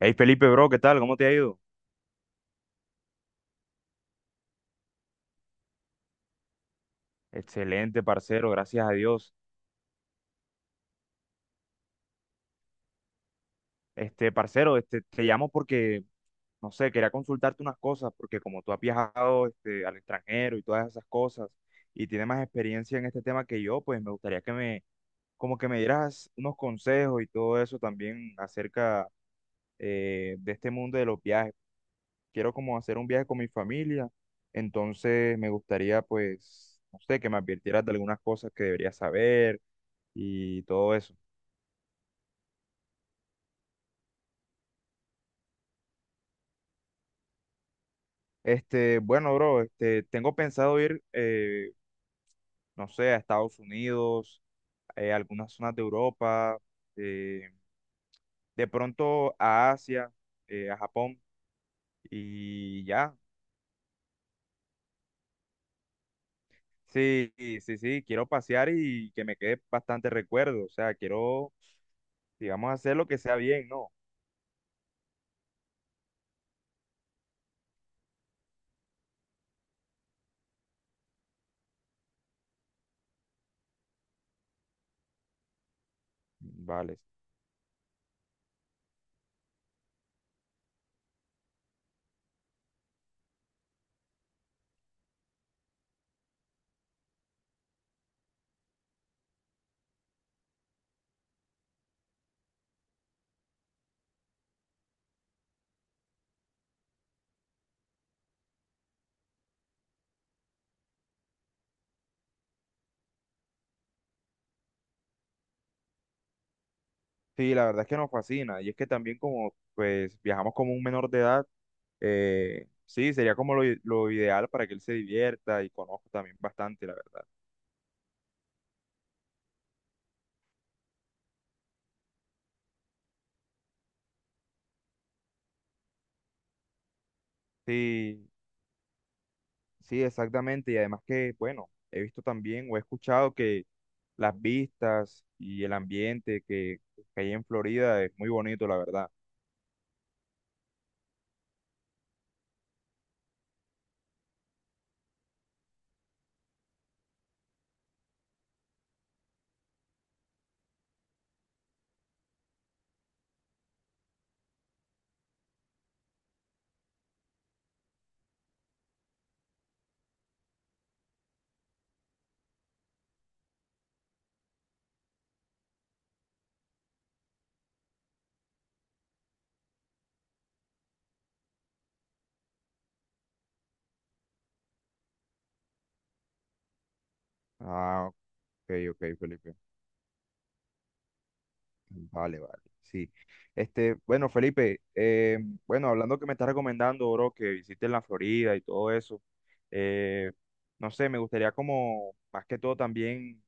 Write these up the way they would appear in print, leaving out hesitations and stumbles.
Hey Felipe, bro, ¿qué tal? ¿Cómo te ha ido? Excelente, parcero, gracias a Dios. Parcero, te llamo porque, no sé, quería consultarte unas cosas, porque como tú has viajado, al extranjero y todas esas cosas, y tienes más experiencia en este tema que yo, pues me gustaría que me, como que me dieras unos consejos y todo eso también acerca de este mundo de los viajes. Quiero como hacer un viaje con mi familia, entonces me gustaría, pues, no sé, que me advirtieras de algunas cosas que debería saber y todo eso. Bueno, bro, tengo pensado ir, no sé, a Estados Unidos, a algunas zonas de Europa, eh, de pronto a Asia, a Japón y ya. Sí, sí, sí, sí, quiero pasear y que me quede bastante recuerdo, o sea, quiero, digamos, hacer lo que sea bien, ¿no? Vale. Sí, la verdad es que nos fascina y es que también como, pues, viajamos como un menor de edad, sí, sería como lo ideal para que él se divierta y conozca también bastante, la verdad. Sí, sí, exactamente. Y además que, bueno, he visto también o he escuchado que las vistas y el ambiente que hay en Florida es muy bonito, la verdad. Ah, ok, ok, Felipe. Vale, vale. Sí. Bueno, Felipe, bueno, hablando que me estás recomendando, bro, que visites la Florida y todo eso, eh, no sé, me gustaría como, más que todo también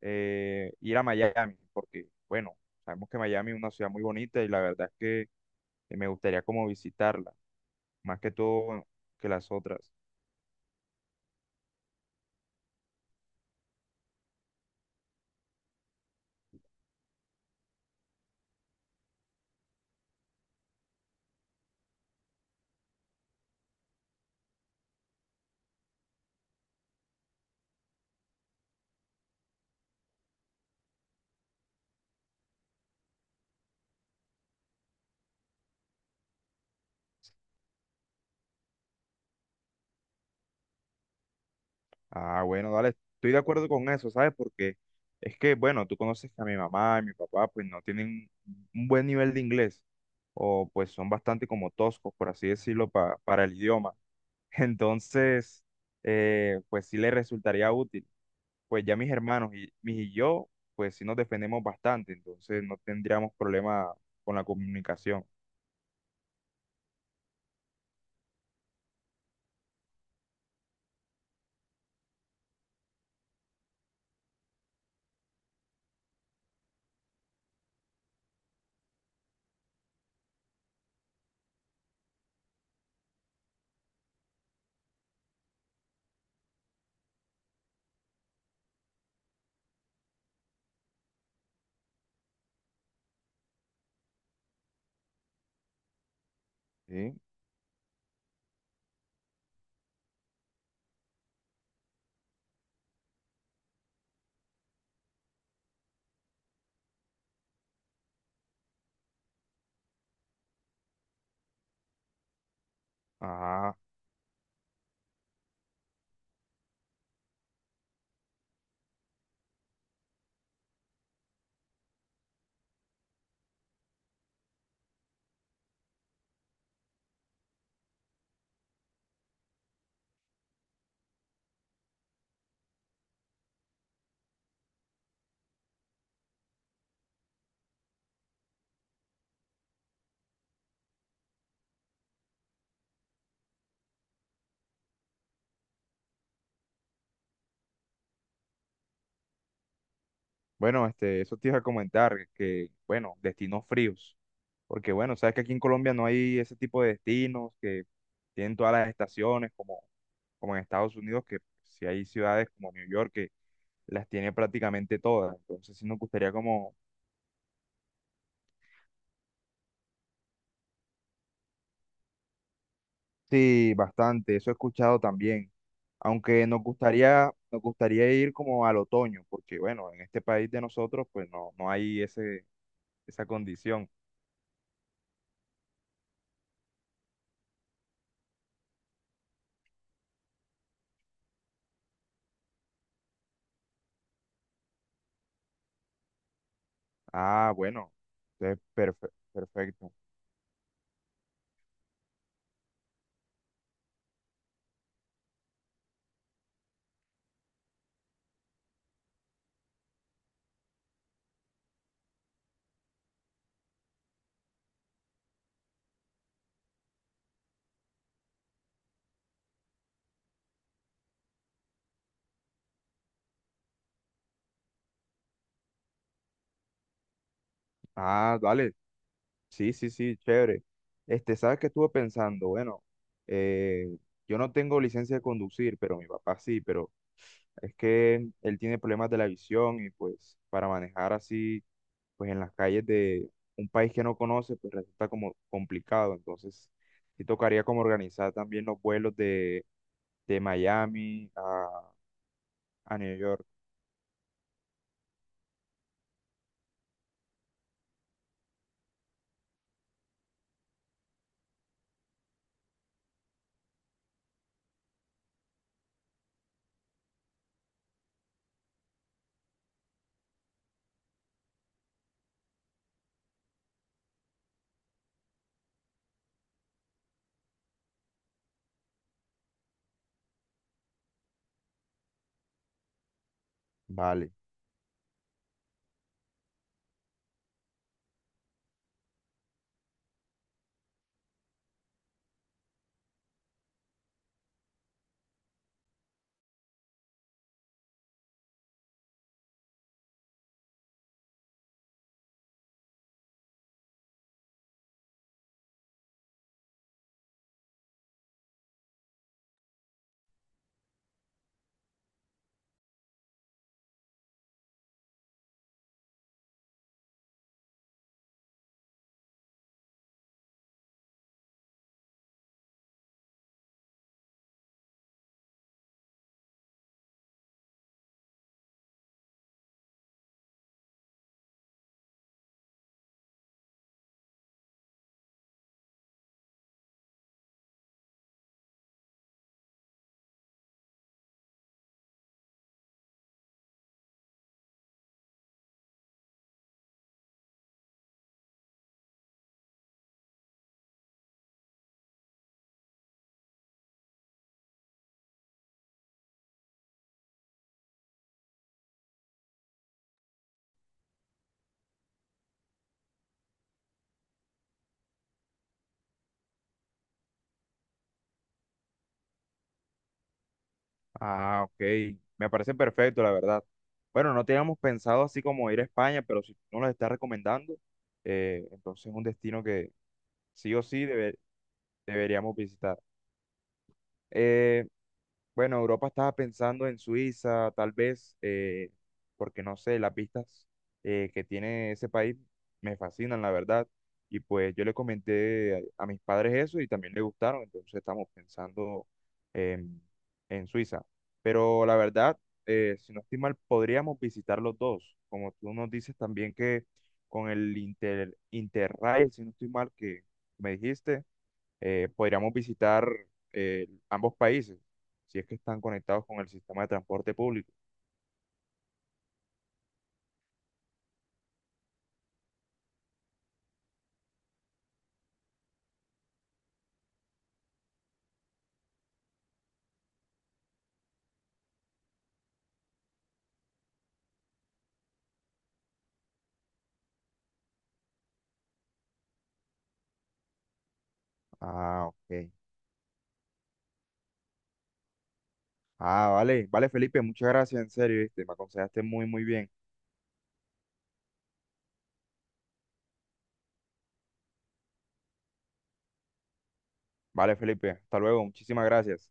ir a Miami, porque, bueno, sabemos que Miami es una ciudad muy bonita y la verdad es que me gustaría como visitarla, más que todo que las otras. Ah, bueno, dale, estoy de acuerdo con eso, ¿sabes? Porque es que, bueno, tú conoces que a mi mamá y mi papá pues no tienen un buen nivel de inglés o pues son bastante como toscos, por así decirlo, para el idioma. Entonces, pues sí les resultaría útil. Pues ya mis hermanos y yo, pues sí nos defendemos bastante, entonces no tendríamos problema con la comunicación, ¿sí? Ajá. Bueno, eso te iba a comentar, que, bueno, destinos fríos. Porque, bueno, sabes que aquí en Colombia no hay ese tipo de destinos que tienen todas las estaciones, como en Estados Unidos, que si hay ciudades como New York que las tiene prácticamente todas. Entonces, sí nos gustaría como, sí, bastante, eso he escuchado también. Aunque nos gustaría ir como al otoño, porque, bueno, en este país de nosotros, pues no, no hay ese, esa condición. Ah, bueno, entonces, perfecto. Ah, vale. Sí, sí, sí, chévere. ¿Sabes qué estuve pensando? Bueno, eh, yo no tengo licencia de conducir, pero mi papá sí, pero es que él tiene problemas de la visión y pues para manejar así, pues en las calles de un país que no conoce, pues resulta como complicado. Entonces, sí tocaría como organizar también los vuelos de Miami a New York. Vale. Ah, ok. Me parece perfecto, la verdad. Bueno, no teníamos pensado así como ir a España, pero si tú nos lo estás recomendando, entonces es un destino que sí o sí deberíamos visitar. Eh, bueno, Europa estaba pensando en Suiza, tal vez, porque no sé, las vistas que tiene ese país me fascinan, la verdad. Y pues yo le comenté a mis padres eso y también les gustaron, entonces estamos pensando en, en Suiza. Pero la verdad, si no estoy mal, podríamos visitar los dos. Como tú nos dices también que con el Interrail, si no estoy mal, que me dijiste podríamos visitar ambos países, si es que están conectados con el sistema de transporte público. Ah, ok. Ah, vale, vale, Felipe, muchas gracias, en serio, ¿viste? Me aconsejaste muy, muy bien. Vale, Felipe, hasta luego, muchísimas gracias.